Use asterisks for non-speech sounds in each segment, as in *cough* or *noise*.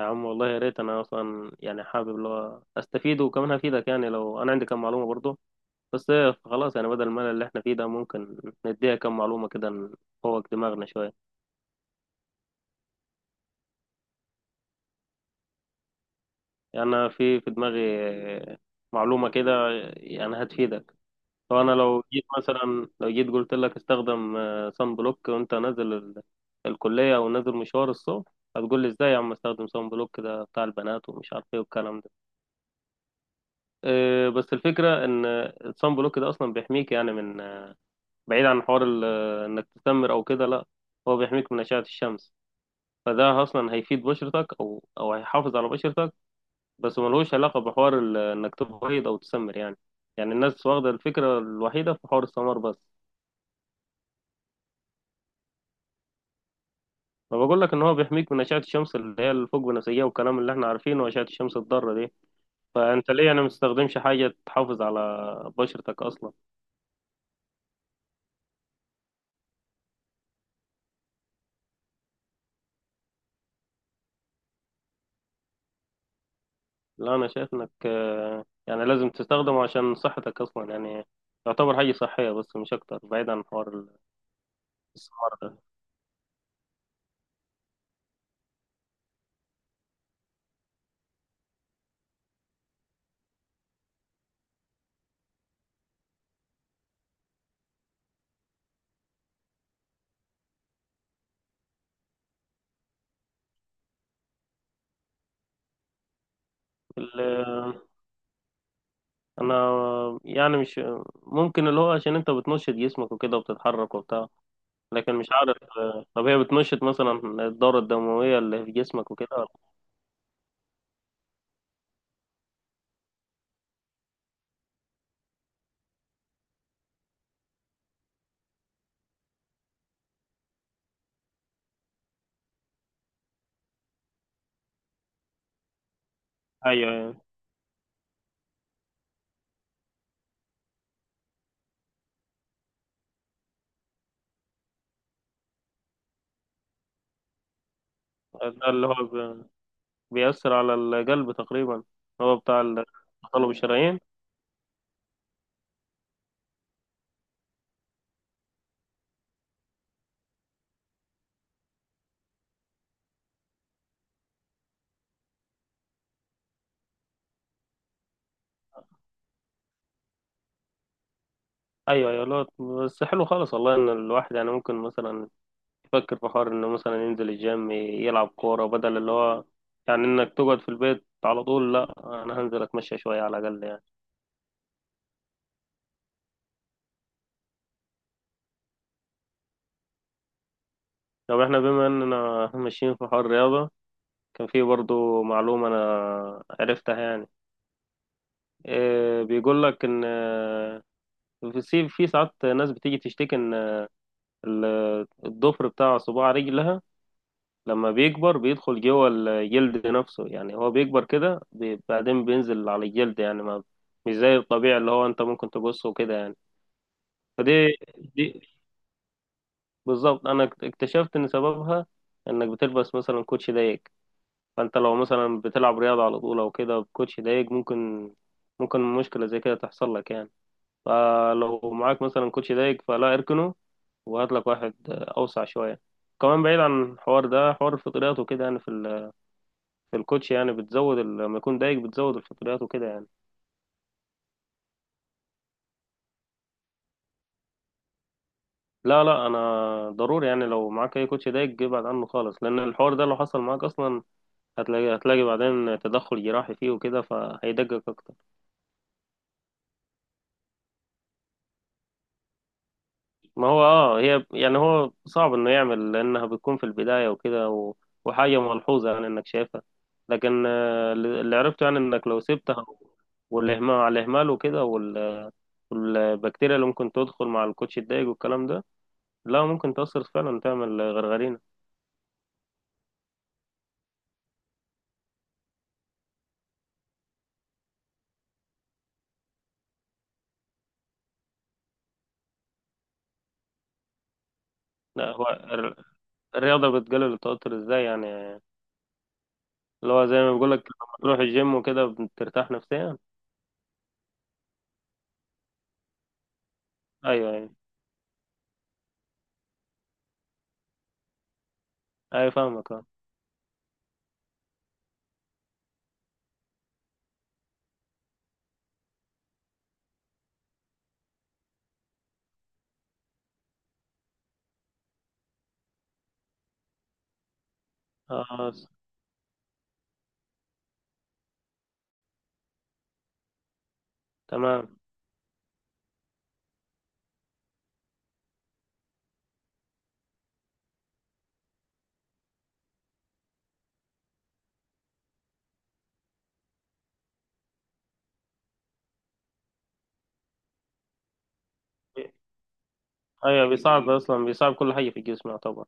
يا عم والله يا ريت انا اصلا يعني حابب اللي هو استفيد وكمان هفيدك يعني لو انا عندي كم معلومه برضه. بس إيه، خلاص يعني بدل الملل اللي احنا فيه ده ممكن نديها كم معلومه كده نفوق دماغنا شويه. يعني انا في دماغي معلومه كده يعني هتفيدك. لو انا لو جيت مثلا لو جيت قلت لك استخدم صن بلوك وانت نازل الكليه او نازل مشوار الصبح، هتقول لي ازاي يا عم استخدم صن بلوك ده بتاع البنات ومش عارف ايه والكلام ده. بس الفكرة إن الصن بلوك ده أصلا بيحميك يعني من، بعيد عن حوار إنك تسمر أو كده. لأ، هو بيحميك من أشعة الشمس. فده أصلا هيفيد بشرتك أو هيحافظ على بشرتك، بس ملهوش علاقة بحوار إنك تبيض أو تسمر يعني. يعني الناس واخدة الفكرة الوحيدة في حوار السمار بس. فبقول لك إن هو بيحميك من أشعة الشمس اللي هي الفوق بنفسجية والكلام اللي إحنا عارفينه، وأشعة الشمس الضارة دي. فأنت ليه يعني مستخدمش حاجة تحافظ على بشرتك أصلا؟ لا انا شايف انك يعني لازم تستخدمه عشان صحتك اصلا يعني، يعتبر حاجة صحية بس مش اكتر، بعيد عن حوار الاستثمار ده. ال- انا يعني مش ممكن اللي هو عشان انت بتنشط جسمك وكده وبتتحرك وبتاع، لكن مش عارف. طب هي بتنشط مثلا الدورة الدموية اللي في جسمك وكده ولا؟ ايوه، أيوة. ده اللي هو بيأثر على القلب تقريبا. هو بتاع تطلب الشرايين. ايوه ايوه، لا بس حلو خالص والله، ان الواحد يعني ممكن مثلا يفكر في حوار انه مثلا ينزل الجيم يلعب كورة، بدل اللي هو يعني انك تقعد في البيت على طول. لا، انا هنزل اتمشى شوية على الاقل يعني. طب احنا بما اننا *laughs* ماشيين في حوار الرياضة، كان في برضو معلومة انا عرفتها يعني. إيه بيقول لك ان في في ساعات ناس بتيجي تشتكي ان ال- الضفر بتاع صباع رجلها لما بيكبر بيدخل جوه الجلد نفسه، يعني هو بيكبر كده بعدين بينزل على الجلد يعني، ما مش زي الطبيعي اللي هو انت ممكن تقصه كده يعني. فدي دي بالظبط، انا اكتشفت ان سببها انك بتلبس مثلا كوتشي ضيق. فانت لو مثلا بتلعب رياضة على طول او كده بكوتشي ضيق، ممكن مشكلة زي كده تحصل لك يعني. فلو معاك مثلا كوتشي ضيق، فلا اركنه وهات لك واحد اوسع شوية. كمان بعيد عن الحوار ده، حوار الفطريات وكده يعني، في الكوتش يعني بتزود لما يكون دايج بتزود الفطريات وكده يعني. لا لا، انا ضروري يعني لو معاك اي كوتش دايج ابعد عنه خالص، لان الحوار ده لو حصل معاك اصلا، هتلاقي بعدين تدخل جراحي فيه وكده، فهيدقق اكتر. ما هو اه، هي يعني هو صعب انه يعمل لانها بتكون في البداية وكده وحاجة ملحوظة يعني انك شايفها، لكن اللي عرفته يعني انك لو سبتها، والاهمال على الاهمال وكده والبكتيريا اللي ممكن تدخل مع الكوتش الدايج والكلام ده، لا ممكن تأثر فعلا تعمل غرغرين. لا، هو الرياضة بتقلل التوتر ازاي يعني؟ اللي هو زي ما بقولك لما تروح الجيم وكده بترتاح نفسيا. ايوه ايوه ايوه، فاهمك اه. آه، س- تمام. ايوه بيصعب اصلا، بيصعب كل حاجة في الجسم يعتبر.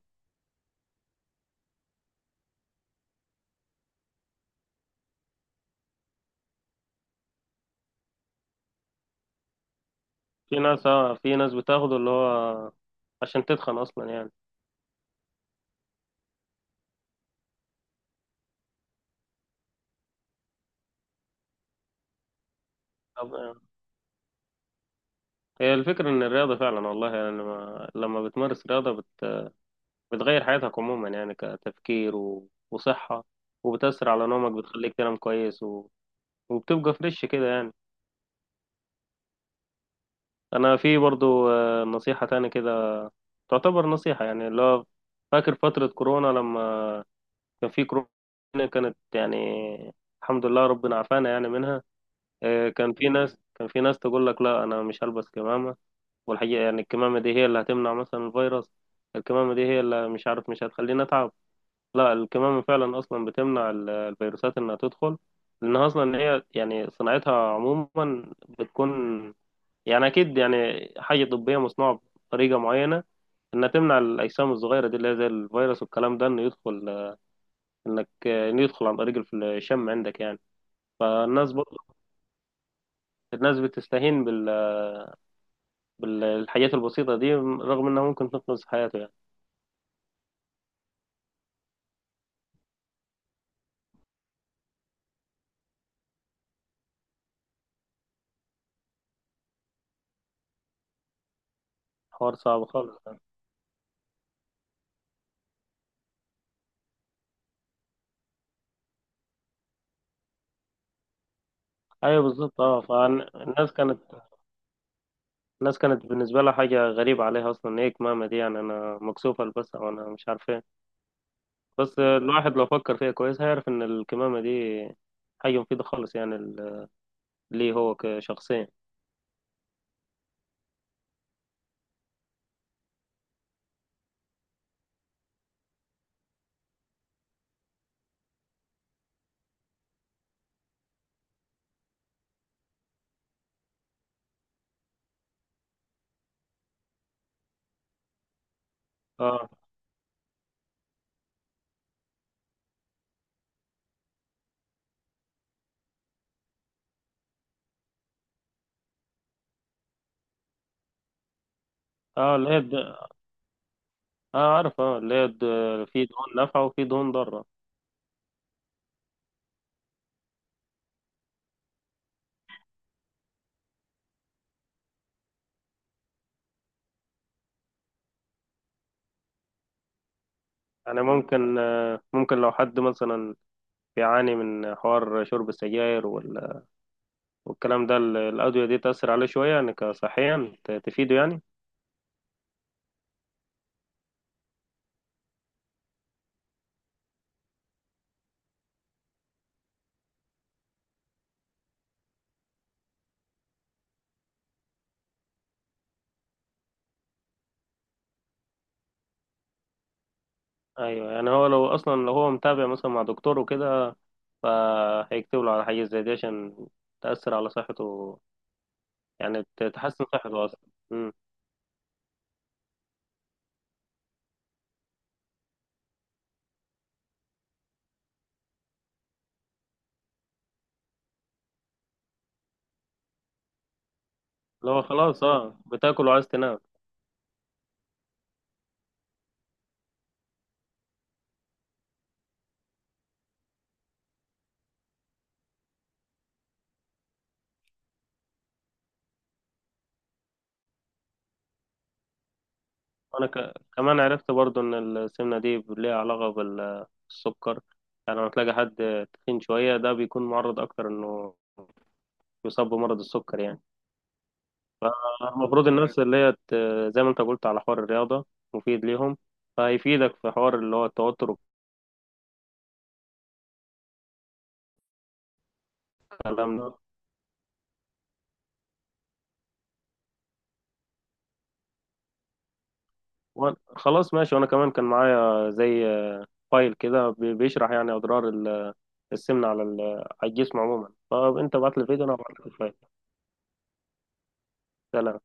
في ناس بتاخده اللي هو عشان تتخن اصلا يعني. طب هي الفكرة ان الرياضة فعلا والله يعني، لما بتمارس رياضة بتغير حياتك عموما يعني، كتفكير وصحة، وبتأثر على نومك بتخليك تنام كويس وبتبقى فريش كده يعني. انا في برضو نصيحة تاني كده، تعتبر نصيحة يعني اللي هو. فاكر فترة كورونا لما كان في كورونا، كانت يعني، الحمد لله ربنا عافانا يعني منها. كان في ناس تقول لك لا انا مش هلبس كمامة، والحقيقة يعني الكمامة دي هي اللي هتمنع مثلا الفيروس، الكمامة دي هي اللي مش عارف مش هتخليني اتعب. لا، الكمامة فعلا اصلا بتمنع الفيروسات انها تدخل، لانها اصلا هي يعني صناعتها عموما بتكون يعني اكيد يعني حاجه طبيه مصنوعه بطريقه معينه، انها تمنع الاجسام الصغيره دي اللي هي زي الفيروس والكلام ده انه يدخل، انك انه يدخل عن طريق الشم عندك يعني. فالناس برضه الناس بتستهين بالحاجات البسيطه دي، رغم انها ممكن تنقذ حياته يعني. حوار صعب خالص يعني. ايوه بالظبط اه، فالناس كانت بالنسبه لها حاجه غريبه عليها، اصلا ان هي كمامه دي يعني انا مكسوف البسها وانا مش عارف ايه. بس الواحد لو فكر فيها كويس هيعرف ان الكمامه دي حاجه مفيده خالص يعني، ليه هو كشخصيا. اه اه، اللي هي اه عارف اه، اللي هي في دهون نافعة وفي دهون ضارة. يعني ممكن لو حد مثلا بيعاني من حوار شرب السجاير والكلام ده الأدوية دي تأثر عليه شوية يعني، كصحيا تفيده يعني. أيوه، يعني هو لو أصلا لو هو متابع مثلا مع دكتور وكده، فهيكتب له على حاجة زي دي عشان تأثر على صحته، يعني تحسن صحته أصلا. مم. اللي هو خلاص اه، بتاكل وعايز تنام. انا كمان عرفت برضو ان السمنه دي ليها علاقه بالسكر، يعني لما تلاقي حد تخين شويه، ده بيكون معرض اكتر انه يصاب بمرض السكر يعني. المفروض الناس اللي هي زي ما انت قلت على حوار الرياضه مفيد ليهم، فهيفيدك في حوار اللي هو التوتر والكلام ده. خلاص ماشي، وانا كمان كان معايا زي فايل كده بيشرح يعني اضرار السمنه على على الجسم عموما. فانت ابعت لي الفيديو، انا هبعت لك الفايل. سلام.